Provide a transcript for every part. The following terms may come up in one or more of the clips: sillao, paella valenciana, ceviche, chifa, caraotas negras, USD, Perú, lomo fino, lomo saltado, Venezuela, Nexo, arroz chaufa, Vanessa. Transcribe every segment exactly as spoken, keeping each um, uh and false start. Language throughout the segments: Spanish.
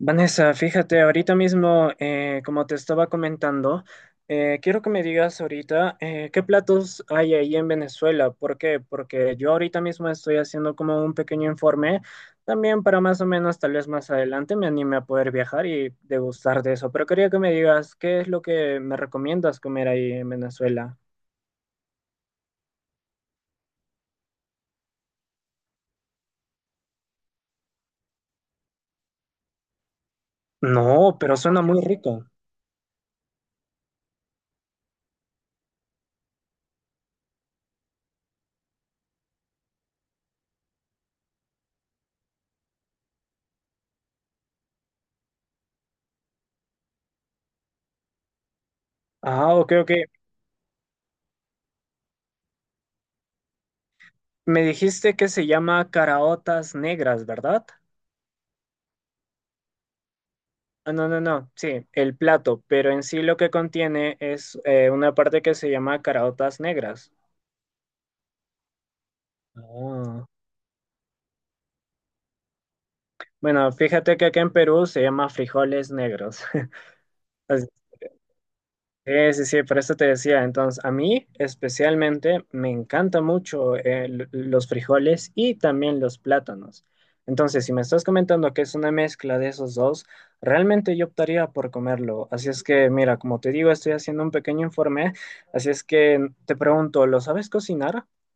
Vanessa, fíjate, ahorita mismo, eh, como te estaba comentando, eh, quiero que me digas ahorita eh, qué platos hay ahí en Venezuela. ¿Por qué? Porque yo ahorita mismo estoy haciendo como un pequeño informe, también para más o menos, tal vez más adelante me anime a poder viajar y degustar de eso. Pero quería que me digas qué es lo que me recomiendas comer ahí en Venezuela. No, pero suena muy rico. Ah, ok, ok. Me dijiste que se llama caraotas negras, ¿verdad? Ah, no, no, no, sí, el plato, pero en sí lo que contiene es eh, una parte que se llama caraotas negras. Ah. Bueno, fíjate que acá en Perú se llama frijoles negros. Sí, sí, sí, por eso te decía. Entonces, a mí especialmente me encanta mucho eh, l- los frijoles y también los plátanos. Entonces, si me estás comentando que es una mezcla de esos dos, realmente yo optaría por comerlo. Así es que, mira, como te digo, estoy haciendo un pequeño informe. Así es que mm, te pregunto, ¿lo sabes cocinar?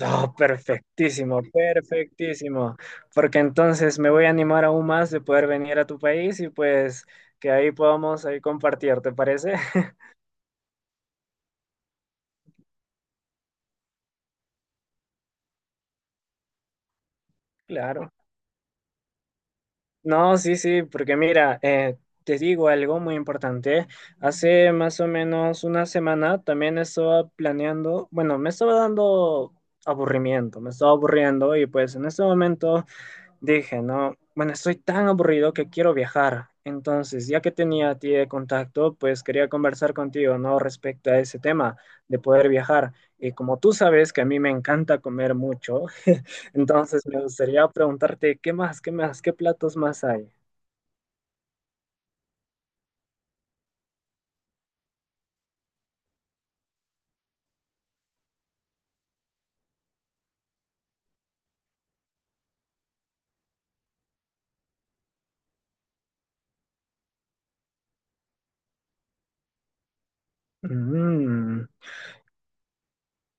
Oh, perfectísimo, perfectísimo. Porque entonces me voy a animar aún más de poder venir a tu país y pues que ahí podamos ahí compartir, ¿te parece? Claro. No, sí, sí, porque mira, eh, te digo algo muy importante. Hace más o menos una semana también estaba planeando, bueno, me estaba dando aburrimiento, me estaba aburriendo y pues en este momento dije, no, bueno, estoy tan aburrido que quiero viajar. Entonces, ya que tenía a ti de contacto, pues quería conversar contigo, ¿no? Respecto a ese tema de poder viajar. Y como tú sabes que a mí me encanta comer mucho, entonces me gustaría preguntarte, ¿qué más, qué más, qué platos más hay? Mm,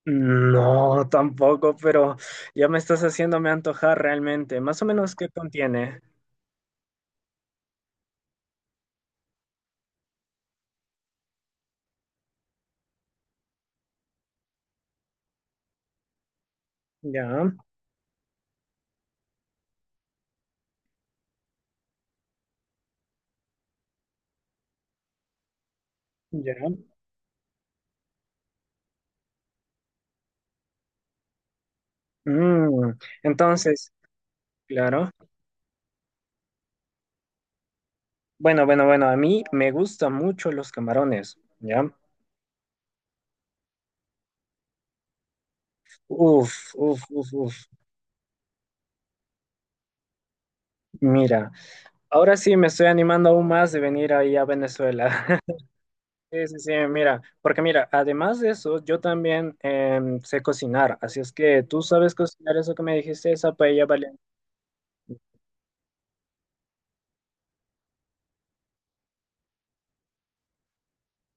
no, tampoco, pero ya me estás haciéndome antojar realmente. Más o menos, ¿qué contiene? Ya, ya. Mm, entonces, claro. Bueno, bueno, bueno, a mí me gustan mucho los camarones, ¿ya? Uf, uf, uf, uf. Mira, ahora sí me estoy animando aún más de venir ahí a Venezuela. Sí, sí, sí, mira, porque mira, además de eso, yo también em, sé cocinar, así es que tú sabes cocinar eso que me dijiste, esa paella valenciana.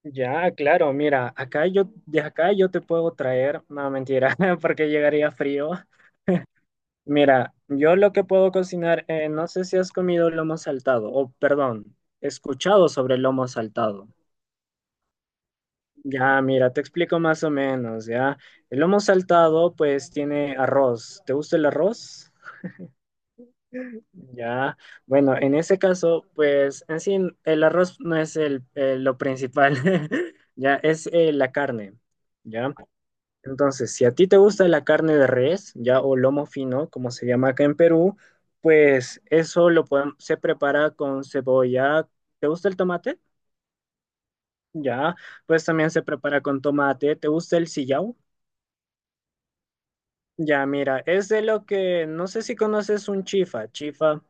Ya, claro, mira, acá yo, de acá yo te puedo traer, no, mentira, porque llegaría frío. Mira, yo lo que puedo cocinar, eh, no sé si has comido lomo saltado, o perdón, escuchado sobre el lomo saltado. Ya, mira, te explico más o menos, ¿ya? El lomo saltado, pues, tiene arroz. ¿Te gusta el arroz? Ya, bueno, en ese caso, pues, en sí, el arroz no es el, eh, lo principal, ya, es eh, la carne, ¿ya? Entonces, si a ti te gusta la carne de res, ya o lomo fino, como se llama acá en Perú, pues eso lo podem- se prepara con cebolla. ¿Te gusta el tomate? Ya, pues también se prepara con tomate. ¿Te gusta el sillao? Ya, mira, es de lo que no sé si conoces un chifa, chifa,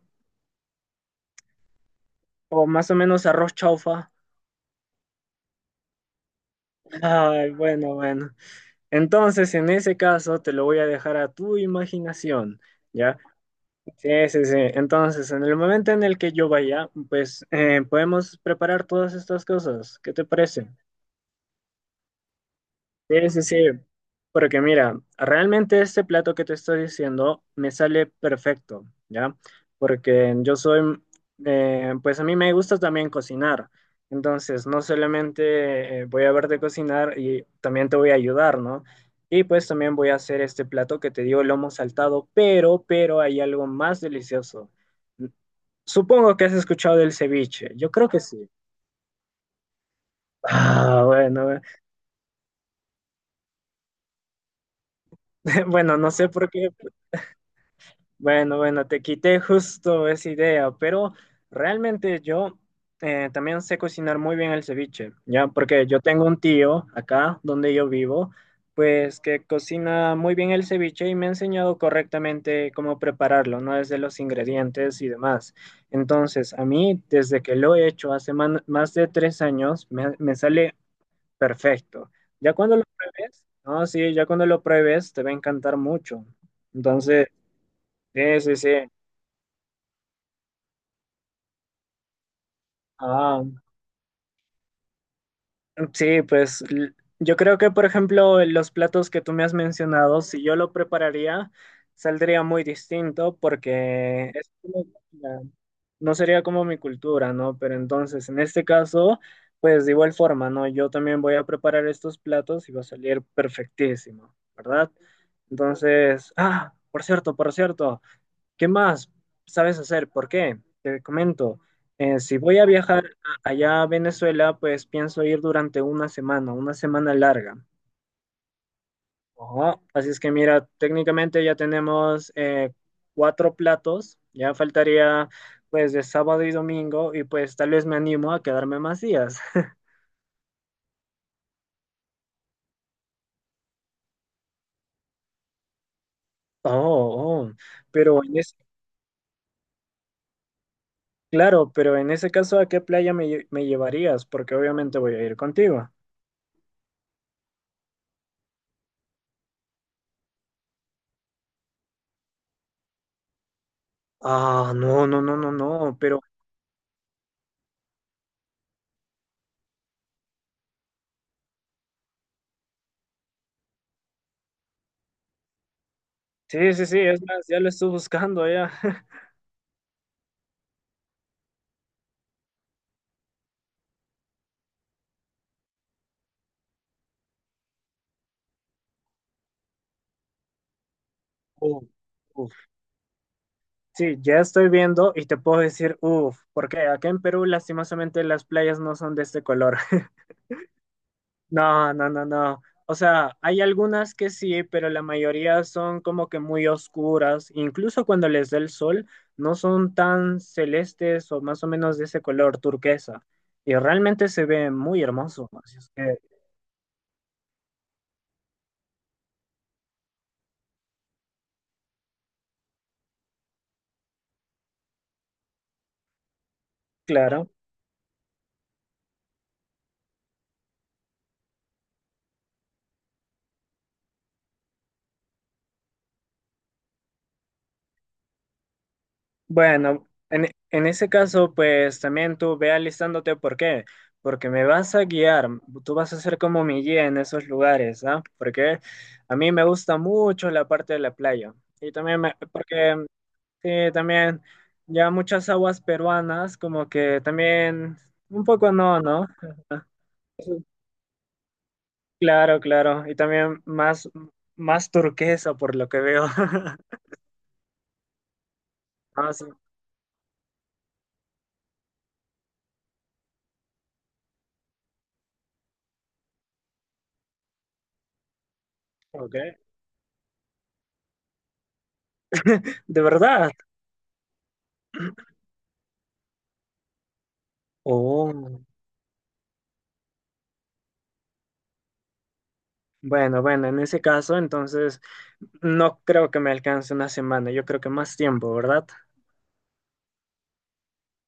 o más o menos arroz chaufa. Ay, bueno, bueno. Entonces, en ese caso, te lo voy a dejar a tu imaginación, ¿ya? Sí, sí, sí. Entonces, en el momento en el que yo vaya, pues eh, podemos preparar todas estas cosas. ¿Qué te parece? Sí, sí, sí. Porque mira, realmente este plato que te estoy diciendo me sale perfecto, ¿ya? Porque yo soy, eh, pues a mí me gusta también cocinar. Entonces, no solamente eh, voy a verte cocinar y también te voy a ayudar, ¿no? Y pues también voy a hacer este plato que te digo, lomo saltado, pero, pero hay algo más delicioso. Supongo que has escuchado del ceviche. Yo creo que sí. Ah, bueno, eh. Bueno, no sé por qué. Bueno, bueno, te quité justo esa idea, pero realmente yo eh, también sé cocinar muy bien el ceviche, ¿ya? Porque yo tengo un tío acá donde yo vivo, pues que cocina muy bien el ceviche y me ha enseñado correctamente cómo prepararlo, ¿no? Desde los ingredientes y demás. Entonces, a mí, desde que lo he hecho hace man- más de tres años, me, me sale perfecto. Ya cuando lo pruebes, no, sí, ya cuando lo pruebes te va a encantar mucho. Entonces, sí, sí, sí. Ah, sí, pues l- yo creo que, por ejemplo, los platos que tú me has mencionado, si yo lo prepararía, saldría muy distinto porque es como... No sería como mi cultura, ¿no? Pero entonces, en este caso, pues de igual forma, ¿no? Yo también voy a preparar estos platos y va a salir perfectísimo, ¿verdad? Entonces, ah, por cierto, por cierto. ¿Qué más sabes hacer? ¿Por qué? Te comento, eh, si voy a viajar a- allá a Venezuela, pues pienso ir durante una semana, una semana larga. Ajá. Así es que mira, técnicamente ya tenemos eh, cuatro platos, ya faltaría pues de sábado y domingo y pues tal vez me animo a quedarme más días. Oh, oh, pero en ese... Claro, pero en ese caso, ¿a qué playa me, lle- me llevarías? Porque obviamente voy a ir contigo. Ah, no, no, no, no, no, pero... Sí, sí, sí, es más, ya lo estoy buscando ya. Uf, uf. Sí, ya estoy viendo y te puedo decir, uff, porque acá en Perú lastimosamente las playas no son de este color. No, no, no, no. O sea, hay algunas que sí, pero la mayoría son como que muy oscuras. Incluso cuando les da el sol, no son tan celestes o más o menos de ese color turquesa. Y realmente se ve muy hermoso. Así es que, claro. Bueno, en, en ese caso, pues también tú ve alistándote, ¿por qué? Porque me vas a guiar, tú vas a ser como mi guía en esos lugares, ¿ah? Porque a mí me gusta mucho la parte de la playa. Y también, me- porque mm, sí, también ya muchas aguas peruanas, como que también, un poco no, ¿no? Claro, claro. Y también más, más turquesa por lo que veo. Ah, sí, ok. De verdad. Oh. Bueno, bueno, en ese caso, entonces no creo que me alcance una semana, yo creo que más tiempo, ¿verdad?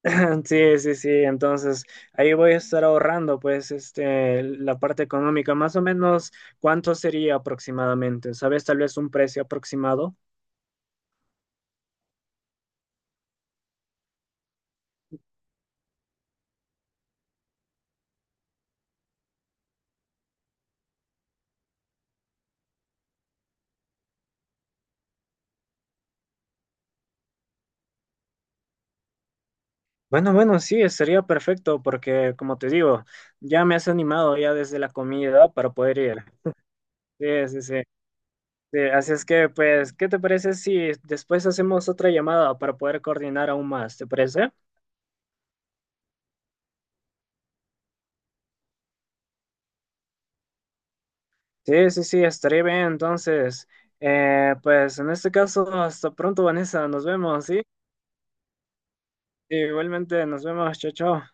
Sí, sí, sí, entonces ahí voy a estar ahorrando, pues, este, la parte económica, más o menos, ¿cuánto sería aproximadamente? ¿Sabes tal vez un precio aproximado? Bueno, bueno, sí, sería perfecto, porque como te digo, ya me has animado ya desde la comida para poder ir. Sí, sí, sí. Sí, así es que, pues, ¿qué te parece si después hacemos otra llamada para poder coordinar aún más? ¿Te parece? Sí, sí, sí, estaré bien. Entonces, eh, pues en este caso, hasta pronto, Vanessa. Nos vemos, ¿sí? Igualmente, nos vemos. Chao, chao.